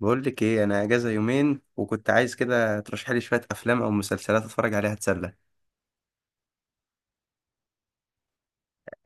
بقول لك ايه، انا اجازه يومين وكنت عايز كده ترشح لي شويه افلام او مسلسلات اتفرج عليها اتسلى.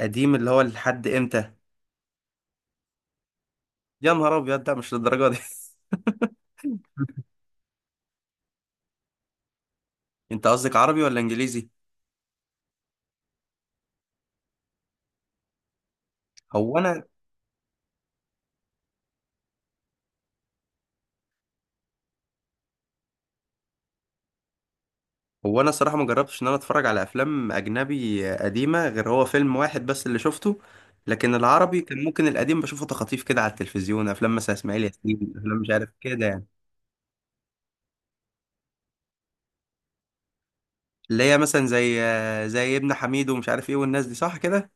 قديم اللي هو لحد امتى؟ يا نهار ابيض، ده مش للدرجه دي. انت قصدك عربي ولا انجليزي؟ هو انا هو انا صراحه ما جربتش ان انا اتفرج على افلام اجنبي قديمه غير هو فيلم واحد بس اللي شفته. لكن العربي كان ممكن القديم بشوفه تخاطيف كده على التلفزيون، افلام مثلا اسماعيل ياسين، افلام مش عارف كده يعني. اللي هي مثلا زي ابن حميد ومش عارف ايه والناس دي، صح كده؟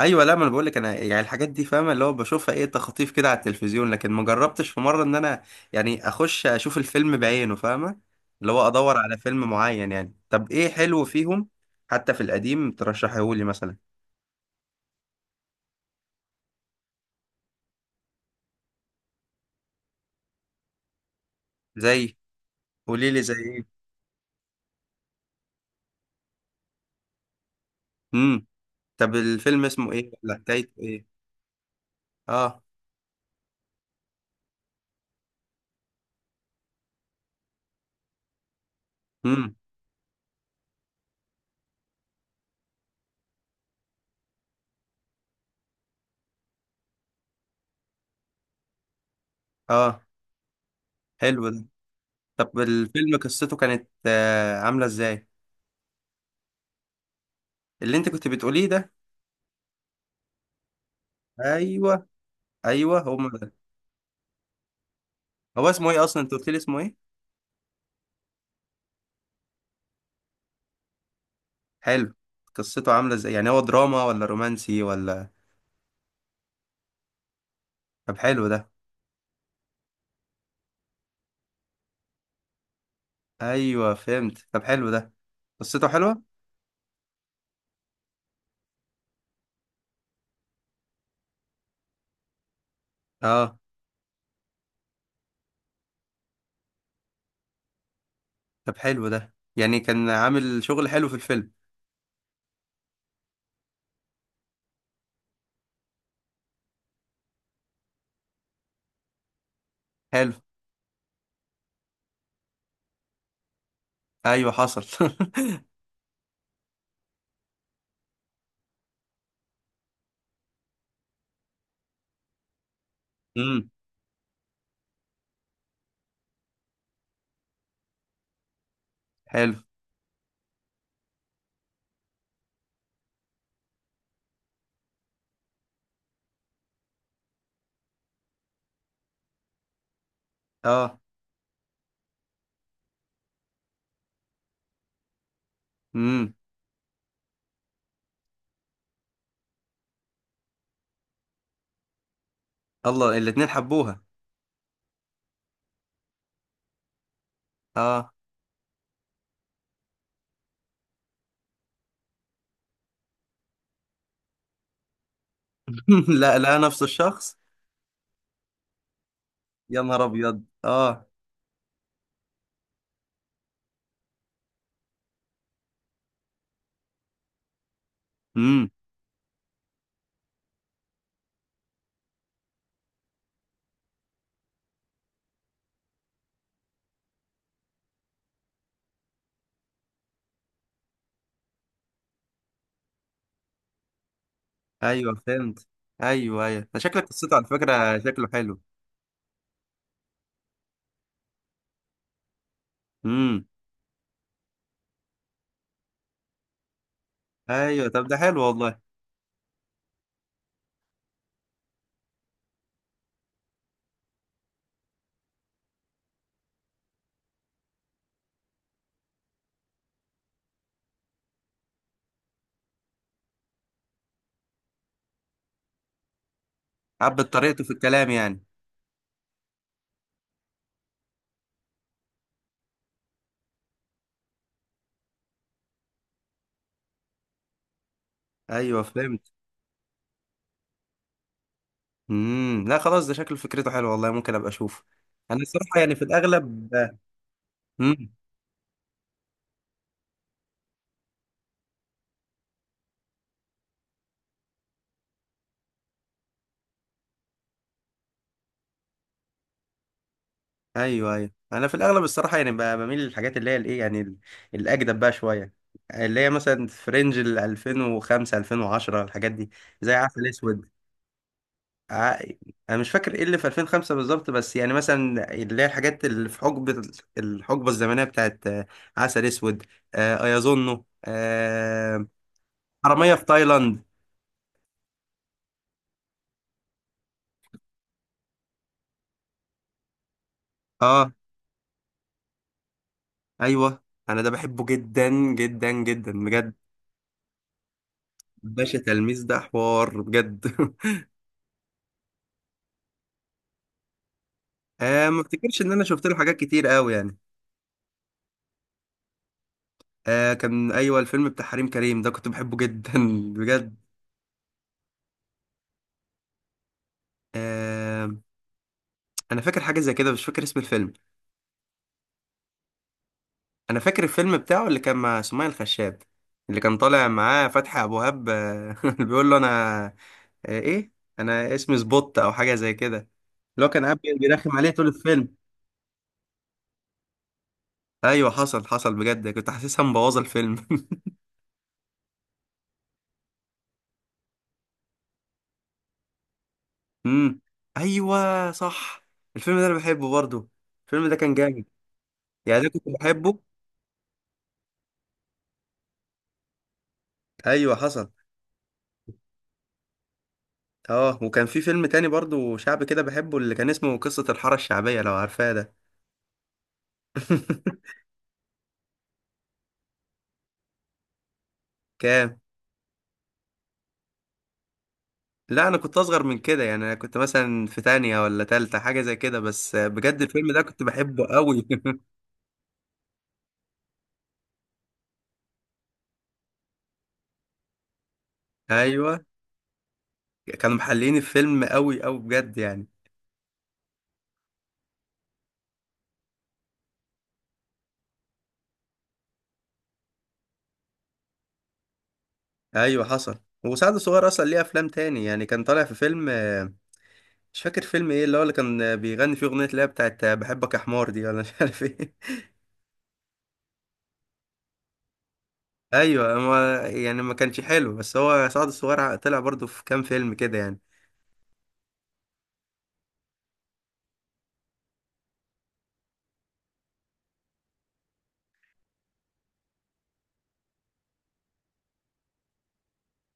ايوه، لا ما انا بقول لك، انا يعني الحاجات دي فاهمه، اللي هو بشوفها ايه تخطيف كده على التلفزيون، لكن ما جربتش في مره ان انا يعني اخش اشوف الفيلم بعينه، فاهمه؟ اللي هو ادور على فيلم معين. يعني طب ايه حلو فيهم؟ حتى في القديم ترشحيهولي مثلا. زي قولي لي زي ايه؟ امم طب الفيلم اسمه ايه، ولا حكايته ايه؟ اه. امم اه، حلو ده. طب الفيلم قصته كانت عامله ازاي؟ اللي انت كنت بتقوليه ده. ايوه، ايوه هو. هو اسمه ايه اصلا، انت قلت لي اسمه ايه؟ حلو. قصته عاملة ازاي، يعني هو دراما ولا رومانسي ولا؟ طب حلو ده. ايوه فهمت، طب حلو ده، قصته حلوة. اه. طب حلو ده، يعني كان عامل شغل حلو في الفيلم. حلو. ايوه حصل. امم حلو. اه. امم الله، الاتنين حبوها؟ اه. لا لا، نفس الشخص. يا نهار ابيض اه. امم ايوه فهمت. ايوه ايوه، ده شكل قصته على فكرة شكله حلو. امم ايوه طب ده حلو والله. عبت طريقته في الكلام يعني. ايوه فهمت. لا خلاص، ده شكل فكرته حلوه والله، ممكن ابقى اشوف. انا الصراحه يعني في الاغلب. امم ايوه ايوه، انا في الاغلب الصراحه يعني بميل للحاجات اللي هي الايه، يعني الاجدد بقى شويه. اللي هي مثلا في رينج ال 2005 2010، الحاجات دي زي عسل اسود. ع- انا مش فاكر ايه اللي في 2005 بالظبط، بس يعني مثلا اللي هي الحاجات اللي في حقبه، الحقبه الزمنيه بتاعت عسل اسود، ايظنه، حراميه في تايلاند. اه. ايوه، انا ده بحبه جدا، جدا بجد. باشا تلميذ ده حوار بجد. آه، ما افتكرش ان انا شفت له حاجات كتير قوي يعني. آه كان، ايوه الفيلم بتاع حريم كريم ده كنت بحبه جدا. بجد. آه، انا فاكر حاجه زي كده، مش فاكر اسم الفيلم. انا فاكر الفيلم بتاعه اللي كان مع سمية الخشاب، اللي كان طالع معاه فتحي ابو وهاب، اللي بيقول له انا، آه ايه انا اسمي سبوت او حاجه زي كده، اللي هو كان قاعد بيرخم عليه طول الفيلم. ايوه حصل حصل بجد، كنت حاسسها مبوظه الفيلم. امم ايوه صح، الفيلم ده انا بحبه برضو، الفيلم ده كان جامد. يعني ده كنت بحبه. ايوه حصل. اه، وكان في فيلم تاني برضو شعبي كده بحبه، اللي كان اسمه قصة الحارة الشعبية، لو عارفاه ده. كام؟ لا انا كنت اصغر من كده، يعني انا كنت مثلا في تانية ولا تالتة، حاجة زي كده، بس بجد الفيلم ده كنت بحبه قوي. ايوه. كانوا محللين الفيلم قوي قوي بجد يعني. ايوه حصل. وسعد الصغير اصلا ليه افلام تاني، يعني كان طالع في فيلم، مش فاكر فيلم ايه اللي هو اللي كان بيغني فيه اغنيه، اللي هي بتاعت بحبك يا حمار دي، ولا مش عارف ايه. ايوه، ما يعني ما كانش حلو، بس هو سعد الصغير طلع برضو في كام فيلم كده يعني.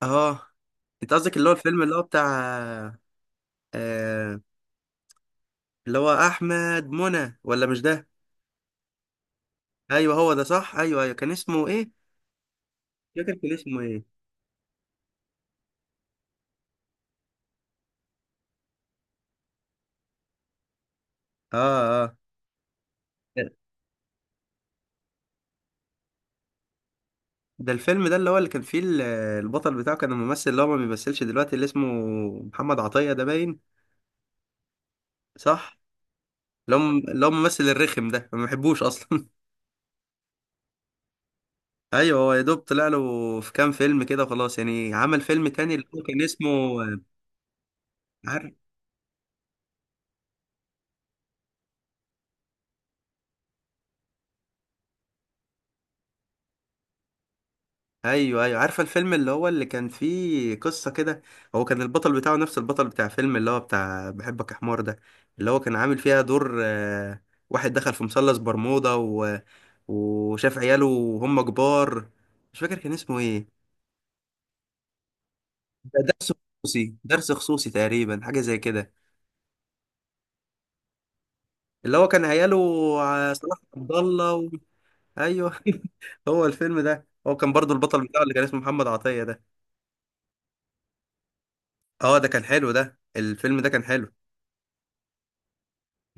اه، انت قصدك اللي هو الفيلم اللي هو بتاع، آه، اللي هو احمد منى، ولا مش ده؟ ايوه هو ده صح، ايوه ايوه، كان اسمه ايه؟ مش فاكر كان اسمه ايه. اه اه. ده ده الفيلم ده اللي هو اللي كان فيه البطل بتاعه كان الممثل اللي هو ما بيمثلش دلوقتي، اللي اسمه محمد عطية ده باين. صح. اللي هو الممثل الرخم ده، ما بحبوش اصلا. ايوه، هو يا دوب طلع له في كام فيلم كده وخلاص، يعني عمل فيلم تاني اللي هو كان اسمه. عارف. ايوه ايوه، عارفه الفيلم اللي هو اللي كان فيه قصه كده. هو كان البطل بتاعه نفس البطل بتاع فيلم اللي هو بتاع بحبك يا حمار ده، اللي هو كان عامل فيها دور واحد دخل في مثلث برمودا و... وشاف عياله وهم كبار. مش فاكر كان اسمه ايه. ده درس خصوصي، درس خصوصي تقريبا، حاجه زي كده. اللي هو كان عياله، صلاح عبد الله و... ايوه. هو الفيلم ده هو كان برضو البطل بتاعه اللي كان اسمه محمد عطية ده. اه ده كان حلو، ده الفيلم ده كان حلو.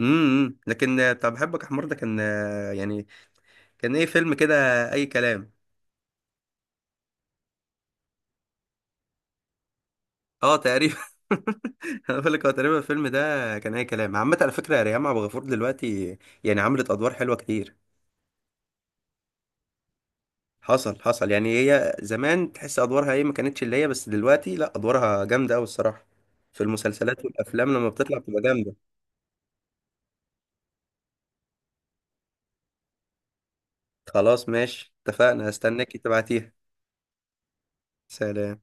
لكن بتاع بحبك يا حمار ده كان، يعني كان ايه فيلم كده، اي كلام. اه تقريبا. انا بقول لك، هو تقريبا الفيلم ده كان اي كلام عامه، على فكره ريهام عبد الغفور دلوقتي يعني عملت ادوار حلوه كتير. حصل حصل، يعني هي زمان تحس ادوارها ايه، ما كانتش اللي هي، بس دلوقتي لا ادوارها جامده قوي الصراحه، في المسلسلات والافلام لما بتطلع بتبقى جامده. خلاص ماشي اتفقنا، هستناك تبعتيها. سلام.